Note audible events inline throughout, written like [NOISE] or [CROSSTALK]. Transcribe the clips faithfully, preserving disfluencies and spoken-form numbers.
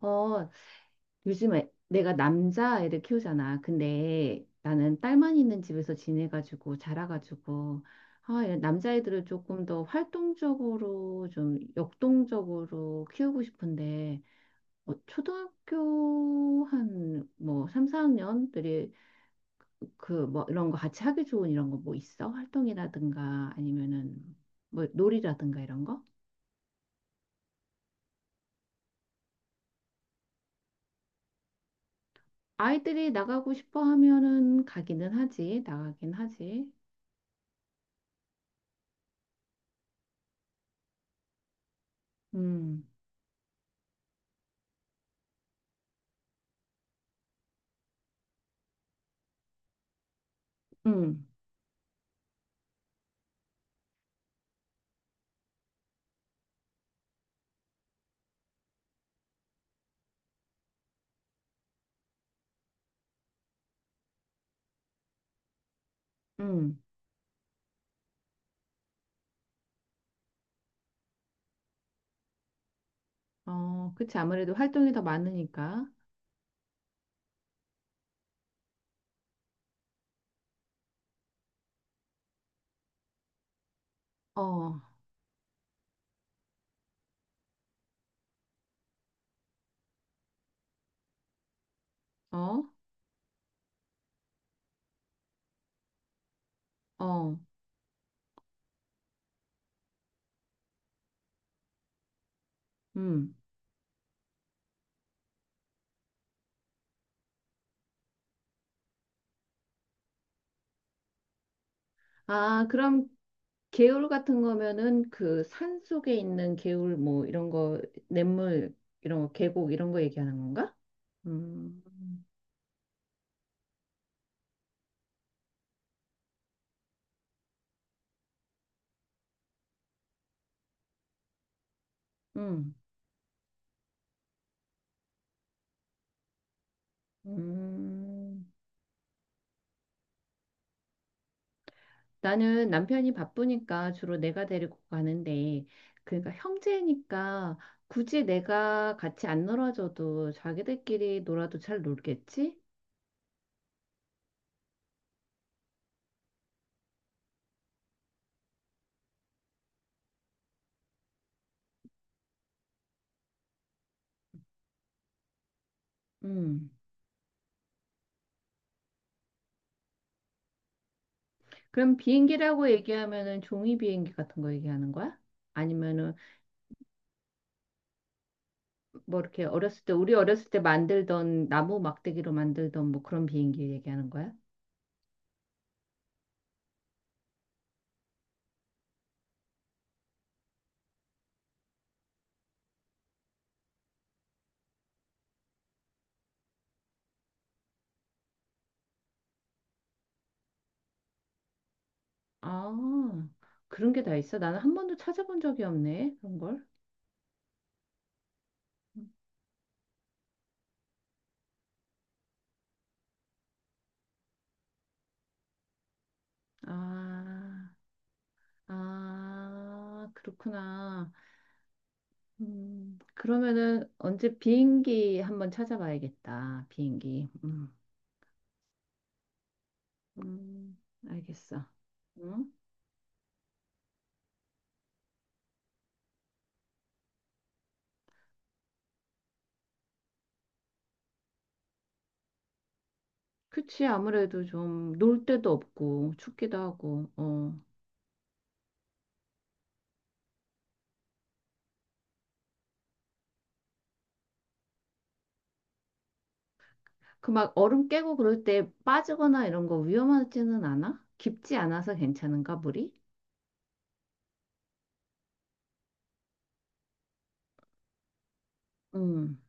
어, 요즘에 내가 남자애를 키우잖아. 근데 나는 딸만 있는 집에서 지내가지고 자라가지고 아, 이런 남자애들을 조금 더 활동적으로 좀 역동적으로 키우고 싶은데 어, 초등학교 한 뭐 삼사학년들이 그 뭐 이런 거 같이 하기 좋은 이런 거 뭐 있어? 활동이라든가 아니면은 뭐 놀이라든가 이런 거? 아이들이 나가고 싶어 하면은 가기는 하지. 나가긴 하지. 음. 음, 음. 어, 그치. 아무래도 활동이 더 많으니까. 어, 어, 어, 음. 아, 그럼 개울 같은 거면은 그 산 속에 있는 개울 뭐 이런 거, 냇물, 이런 거, 계곡 이런 거 얘기하는 건가? 음, 음, 음. 나는 남편이 바쁘니까 주로 내가 데리고 가는데, 그러니까 형제니까 굳이 내가 같이 안 놀아줘도 자기들끼리 놀아도 잘 놀겠지? 음. 그럼 비행기라고 얘기하면은 종이 비행기 같은 거 얘기하는 거야? 아니면은 뭐 이렇게 어렸을 때 우리 어렸을 때 만들던 나무 막대기로 만들던 뭐 그런 비행기 얘기하는 거야? 아, 그런 게 다 있어? 나는 한 번도 찾아본 적이 없네. 그런 걸. 아, 아, 그렇구나. 음, 그러면은 언제 비행기 한번 찾아봐야겠다. 비행기. 음, 음, 알겠어. 응? 그치, 아무래도 좀 놀 데도 없고 춥기도 하고, 어. 그 막 얼음 깨고 그럴 때 빠지거나 이런 거 위험하지는 않아? 깊지 않아서 괜찮은가, 물이? 음,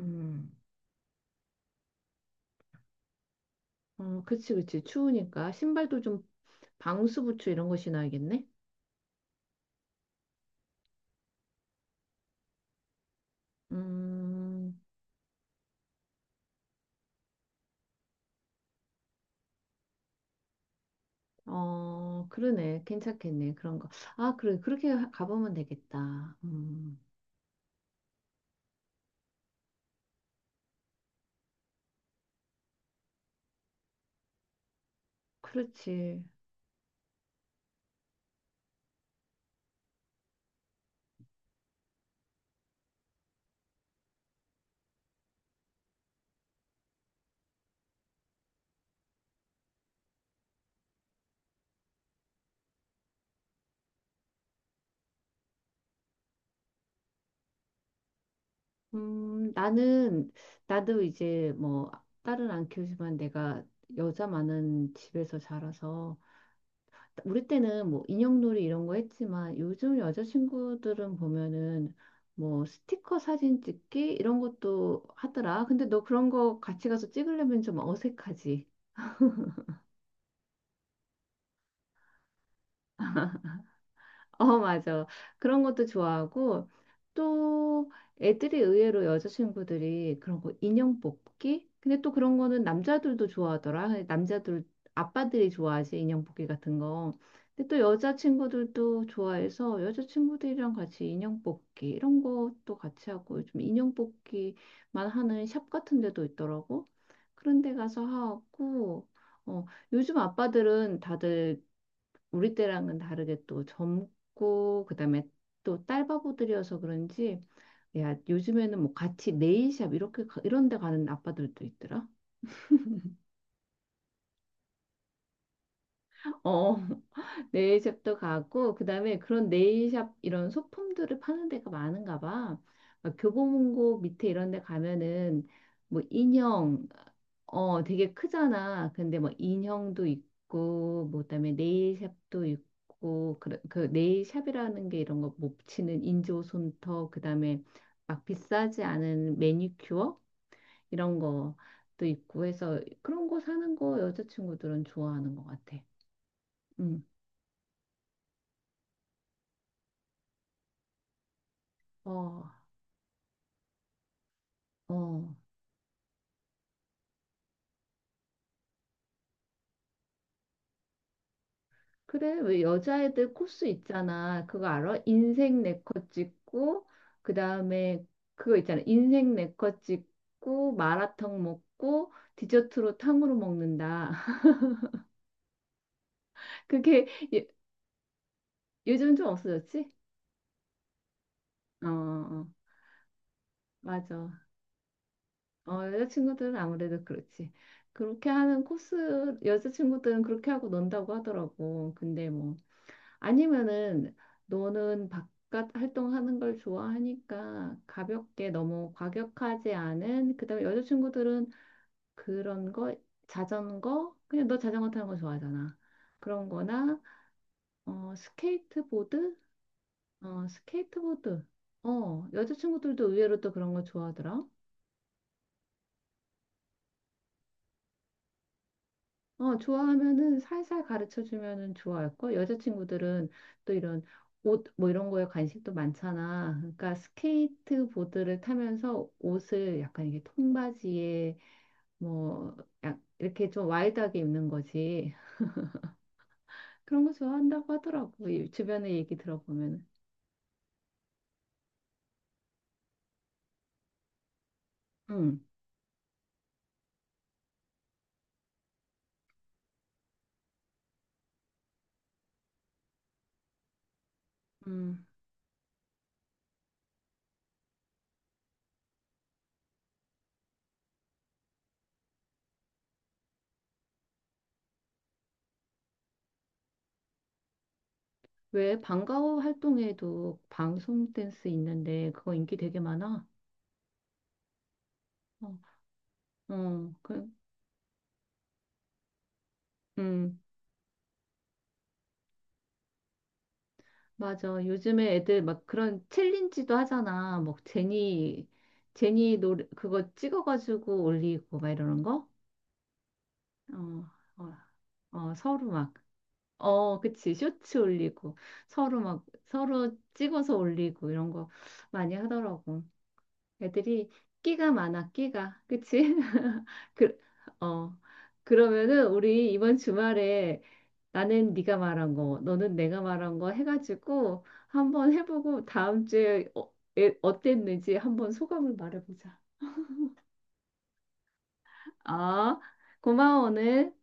음. 어, 그치, 그치. 추우니까 신발도 좀 방수 부츠 이런 거 신어야겠네. 음, 어, 그러네. 괜찮겠네. 그런 거. 아, 그래. 그렇게 하- 가보면 되겠다. 음, 그렇지. 음, 나는, 나도 이제 뭐, 딸은 안 키우지만 내가 여자 많은 집에서 자라서, 우리 때는 뭐, 인형놀이 이런 거 했지만, 요즘 여자친구들은 보면은, 뭐, 스티커 사진 찍기? 이런 것도 하더라. 근데 너 그런 거 같이 가서 찍으려면 좀 어색하지. 어, 맞아. 그런 것도 좋아하고, 또 애들이 의외로 여자친구들이 그런 거 인형 뽑기? 근데 또 그런 거는 남자들도 좋아하더라. 그 남자들, 아빠들이 좋아하지, 인형 뽑기 같은 거. 근데 또 여자친구들도 좋아해서 여자친구들이랑 같이 인형 뽑기 이런 것도 같이 하고 요즘 인형 뽑기만 하는 샵 같은 데도 있더라고. 그런 데 가서 하고, 어, 요즘 아빠들은 다들 우리 때랑은 다르게 또 젊고 그다음에 또 딸바보들이어서 그런지 야 요즘에는 뭐 같이 네일샵 이렇게 가- 이런 데 가는 아빠들도 있더라. 어 [LAUGHS] 네일샵도 가고 그다음에 그런 네일샵 이런 소품들을 파는 데가 많은가 봐. 막 교보문고 밑에 이런 데 가면은 뭐 인형 어, 되게 크잖아. 근데 뭐 인형도 있고, 뭐 그다음에 네일샵도 있고, 그, 그 네일샵이라는 게 이런 거 못 치는 인조 손톱, 그다음에 막 비싸지 않은 매니큐어 이런 것도 있고 해서 그런 거 사는 거 여자친구들은 좋아하는 것 같아. 음, 어, 어. 그래, 왜 여자애들 코스 있잖아. 그거 알아? 인생 네컷 찍고, 그 다음에 그거 있잖아. 인생 네컷 찍고, 마라탕 먹고, 디저트로 탕후루 먹는다. [LAUGHS] 그게 요- 요즘 좀 없어졌지? 어, 어, 맞아. 어, 여자친구들은 아무래도 그렇지. 그렇게 하는 코스, 여자친구들은 그렇게 하고 논다고 하더라고. 근데 뭐, 아니면은 너는 바깥 활동하는 걸 좋아하니까 가볍게 너무 과격하지 않은 그다음에 여자친구들은 그런 거 자전거 그냥 너 자전거 타는 거 좋아하잖아. 그런 거나 어 스케이트보드 어 스케이트보드 어 여자친구들도 의외로 또 그런 거 좋아하더라. 어, 좋아하면은 살살 가르쳐 주면은 좋아할 걸. 여자친구들은 또 이런 옷 뭐 이런 거에 관심도 많잖아. 그러니까 스케이트보드를 타면서 옷을 약간 이게 통바지에 뭐 약- 이렇게 좀 와일드하게 입는 거지. 그런 거 좋아한다고 하더라고. 이 주변에 얘기 들어보면. 응. 음. 왜 방과후 활동에도 방송 댄스 있는데 그거 인기 되게 많아? 어. 어. 그 음. 맞아. 요즘에 애들 막 그런 챌린지도 하잖아. 뭐 제니, 제니 노래, 그거 찍어가지고 올리고 막 이러는 거? 어, 어, 어, 서로 막, 어, 그치. 쇼츠 올리고, 서로 막, 서로 찍어서 올리고 이런 거 많이 하더라고. 애들이 끼가 많아, 끼가. 그치? [LAUGHS] 그, 어. 그러면은 우리 이번 주말에 나는 네가 말한 거, 너는 내가 말한 거 해가지고 한번 해보고 다음 주에 어, 에- 어땠는지 한번 소감을 말해보자. 아, 고마워, 오늘.